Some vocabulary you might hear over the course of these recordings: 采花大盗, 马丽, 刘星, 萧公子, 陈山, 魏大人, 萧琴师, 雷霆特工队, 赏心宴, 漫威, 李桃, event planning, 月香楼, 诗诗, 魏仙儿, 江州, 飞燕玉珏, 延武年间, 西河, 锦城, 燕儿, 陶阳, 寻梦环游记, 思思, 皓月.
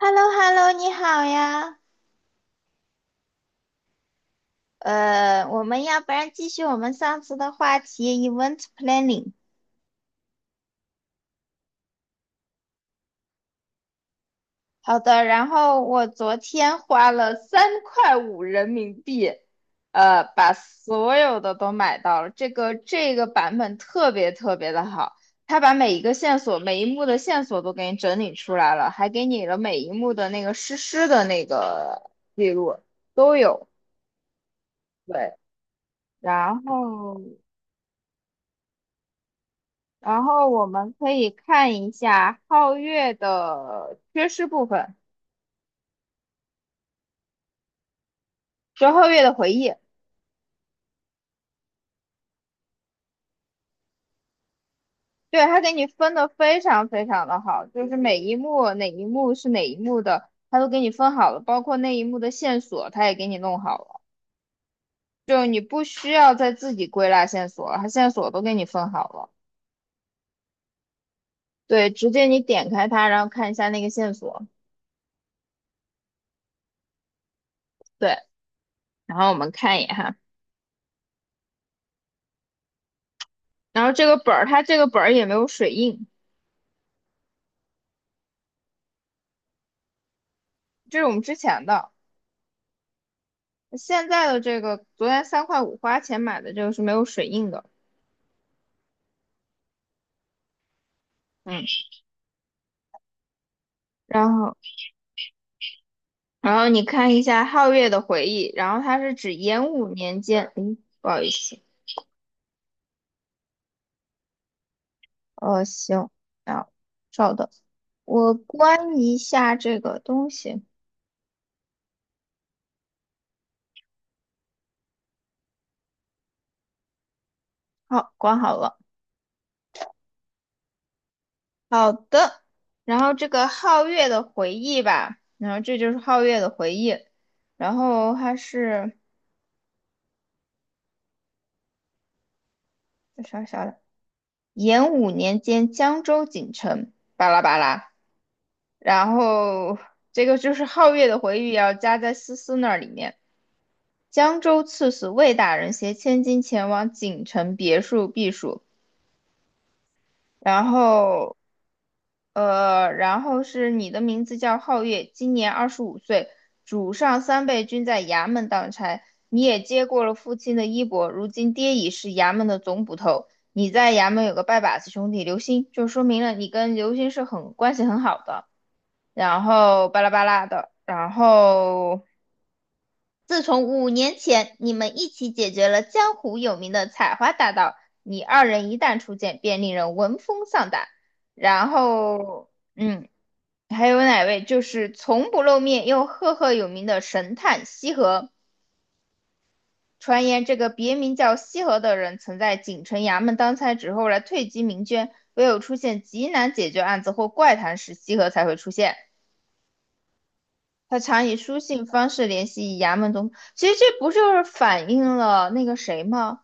h e l l o h e l l o 你好呀。我们要不然继续我们上次的话题，event planning。好的，然后我昨天花了三块五人民币，把所有的都买到了。这个版本特别特别的好，它把每一个线索、每一幕的线索都给你整理出来了，还给你了每一幕的那个实施的那个记录都有。对，然后。然后我们可以看一下皓月的缺失部分，就是皓月的回忆。对，他给你分的非常非常的好，就是每一幕哪一幕是哪一幕的，他都给你分好了，包括那一幕的线索，他也给你弄好了，就你不需要再自己归纳线索了，他线索都给你分好了。对，直接你点开它，然后看一下那个线索。对，然后我们看一眼哈，然后这个本儿，它这个本儿也没有水印，这是我们之前的。现在的这个昨天三块五花钱买的这个是没有水印的，嗯，然后然后你看一下皓月的回忆，然后它是指延武年间，诶，不好意思，行，啊，稍等，我关一下这个东西，好，关好了，好的，然后这个皓月的回忆吧，然后这就是皓月的回忆，然后它是啥啥的，延武年间江州锦城，巴拉巴拉。然后这个就是皓月的回忆要加在思思那里面。江州刺史魏大人携千金前往锦城别墅避暑，然后然后是你的名字叫皓月，今年25岁，主上三辈均在衙门当差，你也接过了父亲的衣钵，如今爹已是衙门的总捕头，你在衙门有个拜把子兄弟刘星，就说明了你跟刘星是很关系很好的。然后巴拉巴拉的，然后自从5年前你们一起解决了江湖有名的采花大盗，你二人一旦出现，便令人闻风丧胆。然后，嗯，还有哪位？就是从不露面又赫赫有名的神探西河。传言这个别名叫西河的人，曾在锦城衙门当差，之后来退居民间。唯有出现极难解决案子或怪谈时，西河才会出现。他常以书信方式联系衙门中，其实这不就是反映了那个谁吗？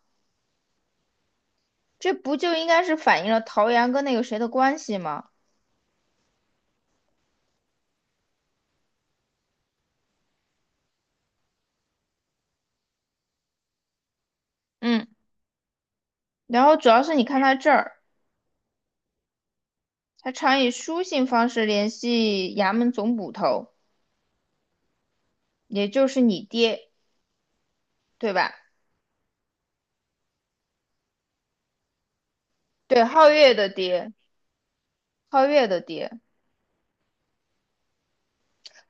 这不就应该是反映了陶阳跟那个谁的关系吗？嗯，然后主要是你看他这儿，他常以书信方式联系衙门总捕头，也就是你爹，对吧？对，皓月的爹，皓月的爹，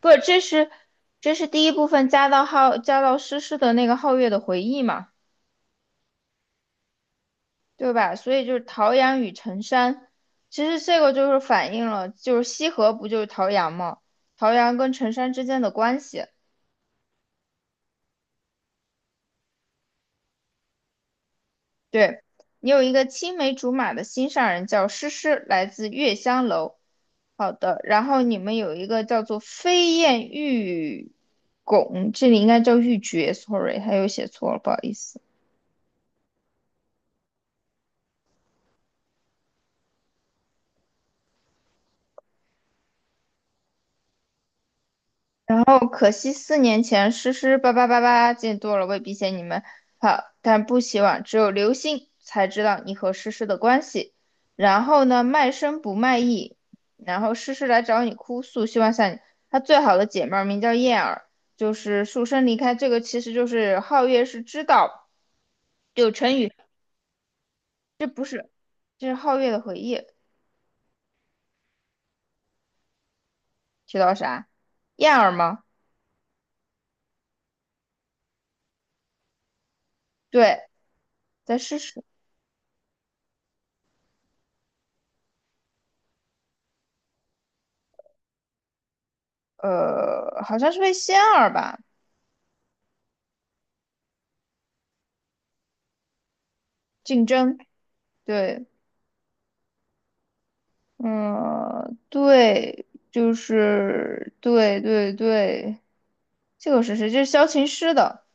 不，这是第一部分加到诗诗的那个皓月的回忆嘛，对吧？所以就是陶阳与陈山，其实这个就是反映了，就是西河不就是陶阳吗？陶阳跟陈山之间的关系。对，你有一个青梅竹马的心上人叫诗诗，来自月香楼。好的，然后你们有一个叫做飞燕玉拱，这里应该叫玉珏，sorry，还有写错了，不好意思。哦，可惜4年前诗诗叭叭叭叭见多了，未必嫌你们好，但不希望只有刘星才知道你和诗诗的关系。然后呢，卖身不卖艺，然后诗诗来找你哭诉，希望像你，她最好的姐妹儿名叫燕儿，就是束身离开。这个其实就是皓月是知道，就成语，这是皓月的回忆，提到啥？燕儿吗？对，在诗诗，好像是为仙儿吧竞争，对。嗯，对，就是对对对，这个是谁？这是萧琴师的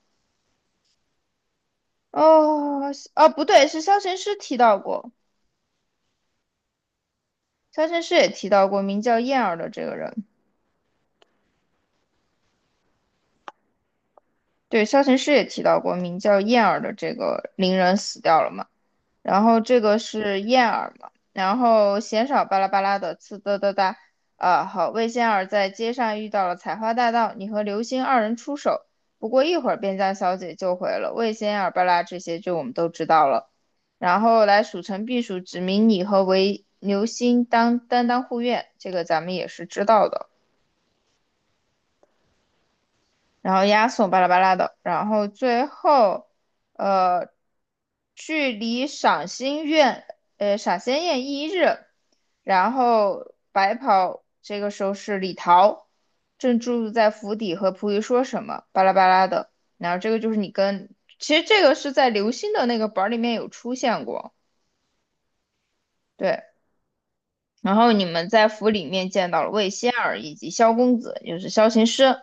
哦，哦，不对，是萧琴师提到过，萧琴师也提到过名叫燕儿的这个人，对，萧琴师也提到过名叫燕儿的这个伶人死掉了嘛？然后这个是燕儿嘛，然后鲜少巴拉巴拉的呲哒哒哒，啊，好，魏仙儿在街上遇到了采花大盗，你和刘星二人出手，不过一会儿便将小姐救回了。魏仙儿巴拉这些就我们都知道了，然后来数城避暑，指明你和韦刘星当担当护院，这个咱们也是知道的。然后押送巴拉巴拉的，然后最后，呃，距离赏心宴，赏心宴一日，然后白袍这个时候是李桃，正住在府邸和仆役说什么，巴拉巴拉的，然后这个就是你跟，其实这个是在刘星的那个本儿里面有出现过，对，然后你们在府里面见到了魏仙儿以及萧公子，也就是萧琴师。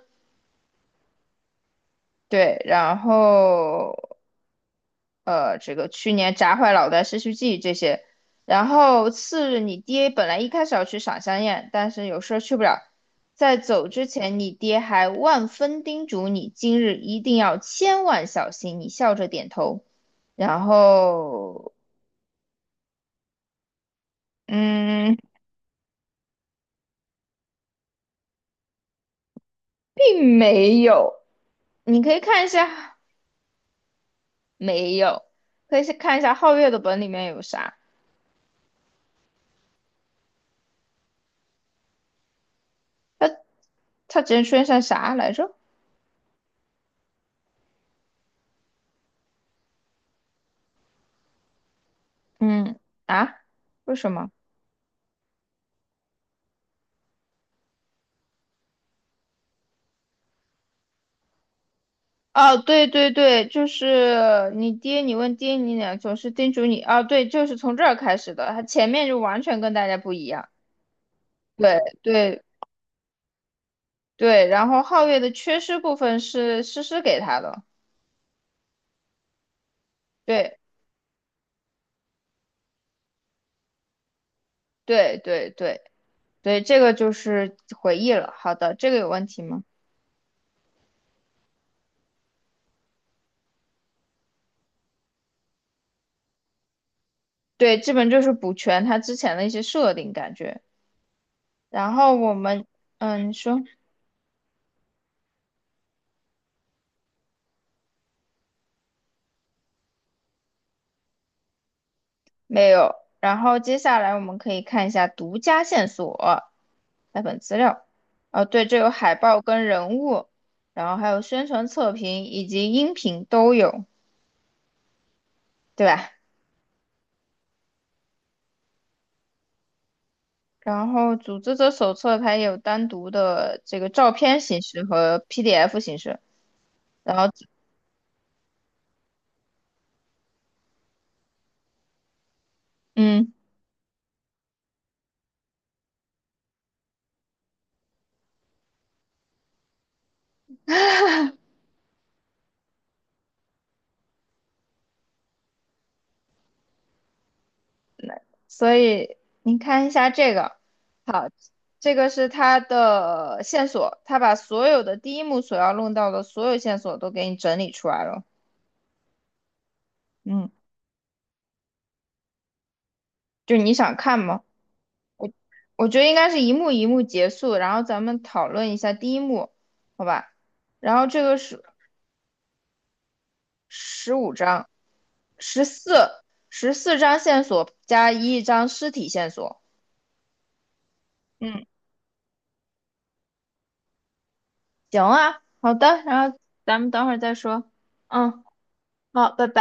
对，然后这个去年砸坏脑袋、失去记忆这些。然后次日，你爹本来一开始要去赏香宴，但是有事儿去不了。在走之前，你爹还万分叮嘱你，今日一定要千万小心。你笑着点头，然后，嗯，并没有。你可以看一下，没有，可以去看一下皓月的本里面有啥，他之前出现啥来着？嗯啊，为什么？哦，对对对，就是你爹，你问爹，你俩总是叮嘱你。啊。对，就是从这儿开始的，他前面就完全跟大家不一样。对对对，然后皓月的缺失部分是诗诗给他的。对对对对对，这个就是回忆了。好的，这个有问题吗？对，基本就是补全他之前的一些设定感觉。然后我们，嗯，你说。没有。然后接下来我们可以看一下独家线索，来本资料。哦，对，这有海报跟人物，然后还有宣传测评以及音频都有，对吧？然后组织者手册它也有单独的这个照片形式和 PDF 形式。然后，嗯，所以你看一下这个，好，这个是它的线索，它把所有的第一幕所要弄到的所有线索都给你整理出来了。嗯。就是你想看吗？我觉得应该是一幕一幕结束，然后咱们讨论一下第一幕，好吧？然后这个是15张，十四十四张线索加一张尸体线索。嗯，行啊，好的，然后咱们等会儿再说。嗯，好，拜拜。